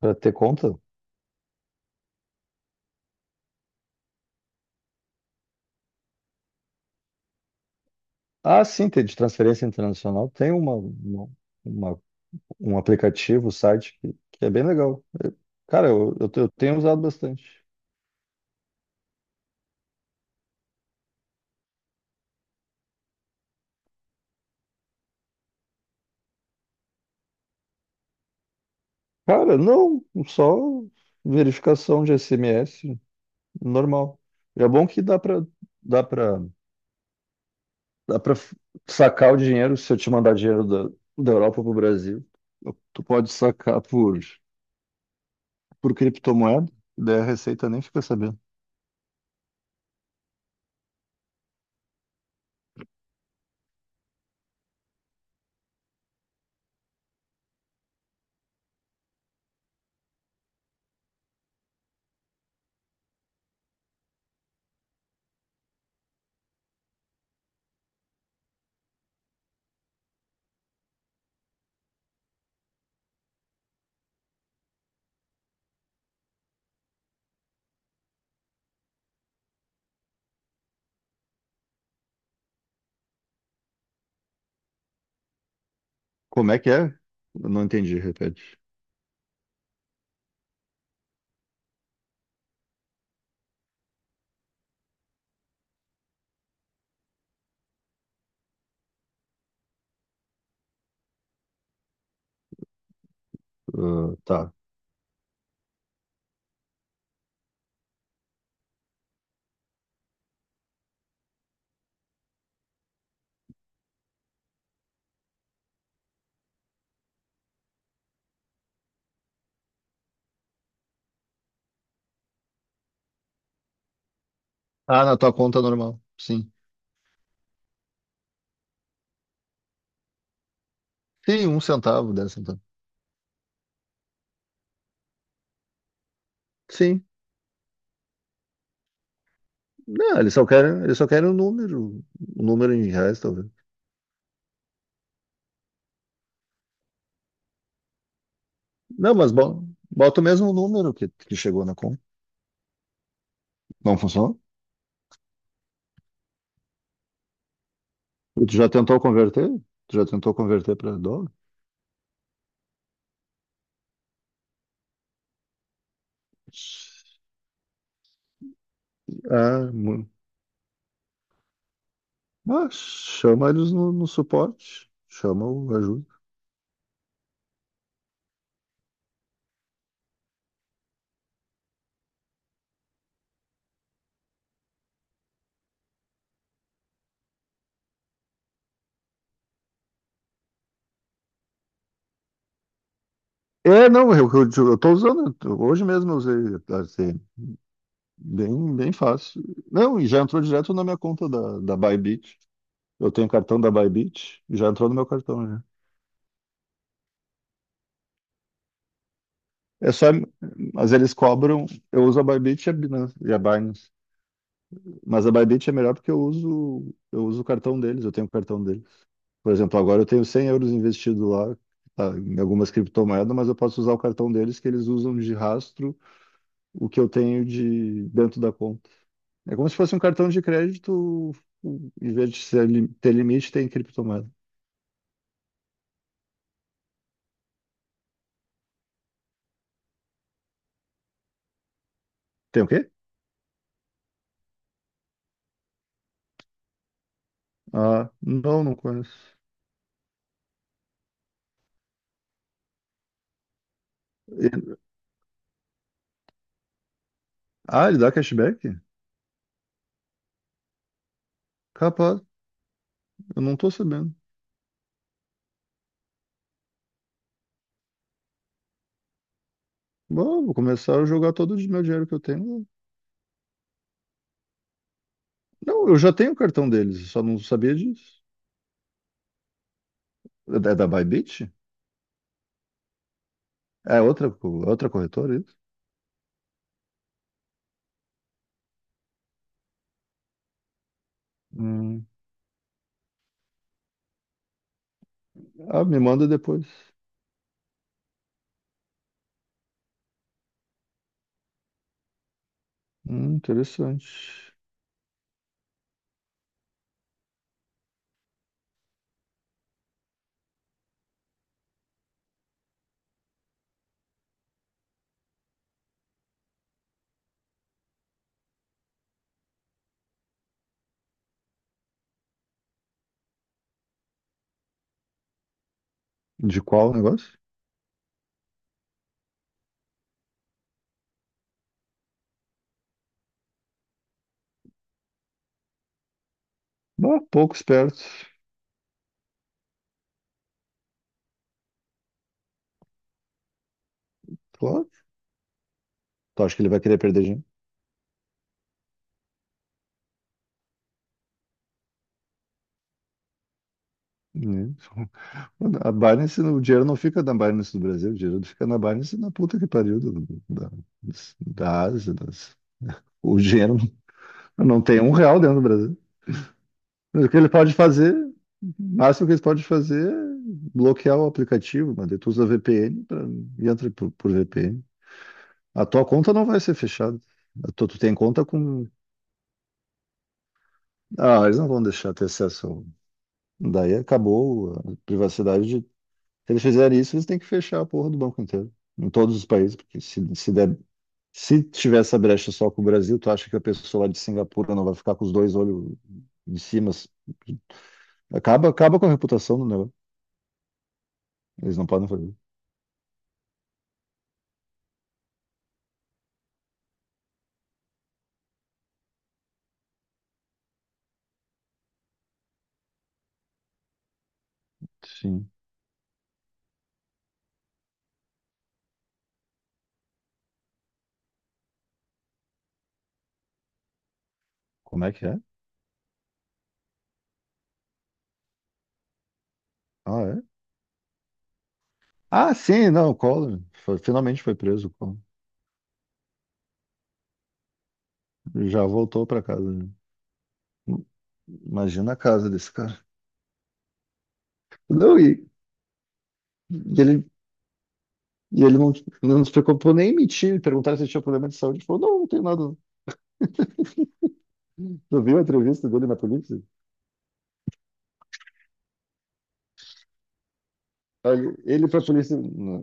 Para ter conta? Ah, sim, tem de transferência internacional. Tem uma um aplicativo, um site que é bem legal. Cara, eu tenho usado bastante. Cara, não, só verificação de SMS normal. E é bom que dá para dá para sacar o dinheiro se eu te mandar dinheiro da Europa para o Brasil. Tu pode sacar por criptomoeda, daí a Receita nem fica sabendo. Como é que é? Eu não entendi, repete. Ah, tá. Ah, na tua conta normal. Sim. Sim, um centavo, dez centavos. Sim. Não, eles só querem o número em reais, talvez. Não, mas bota o mesmo número que chegou na conta. Não funcionou? Tu já tentou converter? Tu já tentou converter para dólar? Ah, mu- ah, chama eles no suporte. Chama o ajuda. É, não, eu tô usando. Hoje mesmo eu usei a CM. Bem fácil. Não, e já entrou direto na minha conta da Bybit. Eu tenho cartão da Bybit, já entrou no meu cartão já. É só, mas eles cobram. Eu uso a Bybit e a Binance, Mas a Bybit é melhor porque eu uso o cartão deles, eu tenho o cartão deles. Por exemplo, agora eu tenho 100 euros investido lá, tá, em algumas criptomoedas, mas eu posso usar o cartão deles que eles usam de rastro o que eu tenho de dentro da conta. É como se fosse um cartão de crédito, em vez de ter limite, tem criptomoeda. Tem o quê? Ah, não, não conheço. E- Ah, ele dá cashback? Capaz, eu não tô sabendo. Bom, vou começar a jogar todo o meu dinheiro que eu tenho. Não, eu já tenho o cartão deles, eu só não sabia disso. É da Bybit? É outra, outra corretora, é isso? Hum. Ah, me manda depois. Interessante. De qual negócio? Bah, pouco esperto. Claro. Tu acha que ele vai querer perder dinheiro? Hum. A Binance, o dinheiro não fica na Binance do Brasil, o dinheiro fica na Binance na puta que pariu da Ásia. Das... O dinheiro não tem um real dentro do Brasil. Mas o que ele pode fazer, o máximo que eles podem fazer é bloquear o aplicativo, mas tu usa VPN pra, e entra por VPN. A tua conta não vai ser fechada. Tu tem conta com. Ah, eles não vão deixar ter acesso ao- Daí acabou a privacidade de. Se eles fizerem isso, eles têm que fechar a porra do banco inteiro. Em todos os países, porque se der. Se tiver essa brecha só com o Brasil, tu acha que a pessoa lá de Singapura não vai ficar com os dois olhos em cima? Acaba com a reputação do negócio. Eles não podem fazer. Sim. Como é que é? Ah, é? Ah, sim, não, o Collor. Finalmente foi preso, o Collor. Já voltou pra casa, né? Imagina a casa desse cara. Não, e ele, e ele não, não se preocupou nem em mentir. Perguntaram se ele tinha problema de saúde. Ele falou, não, não tenho nada. Tu viu a entrevista dele na polícia? Aí ele, para a polícia, na,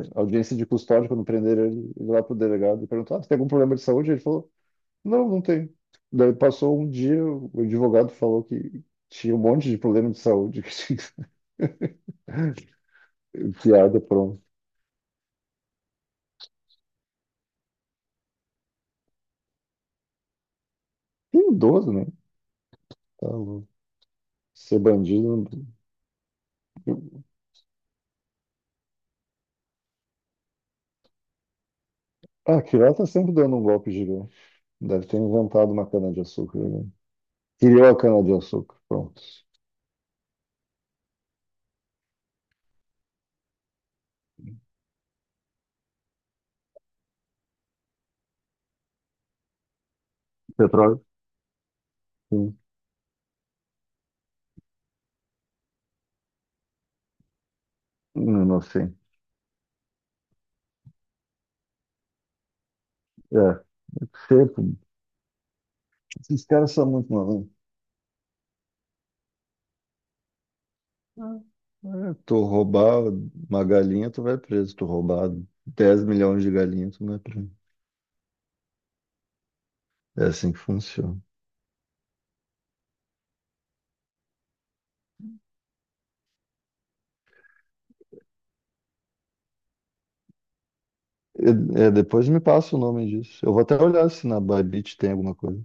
na audiência de custódia, quando prenderam ele, ele lá pro delegado, e perguntou, ah, você tem algum problema de saúde? Ele falou, não, não tem. Daí passou um dia, o advogado falou que tinha um monte de problema de saúde. Guiado por um idoso, né? Tá louco. Ser bandido. Ah, aquilo lá tá sempre dando um golpe gigante. Deve ter inventado uma cana-de-açúcar, né? Criou a cana-de-açúcar. Pronto. Petróleo? Sim. Inocente. É, seco. Esses caras são muito malandros. É, tu roubar uma galinha, tu vai preso. Tu roubar 10 milhões de galinhas, tu não é preso. É assim que funciona. É, é, depois me passa o nome disso. Eu vou até olhar se na Bybit tem alguma coisa.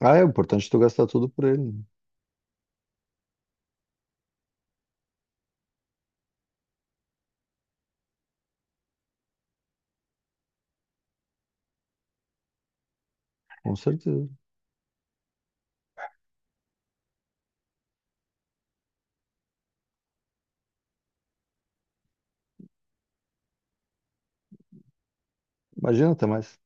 Ah, é importante tu gastar tudo por ele, né? Com certeza. Imagina, até mais.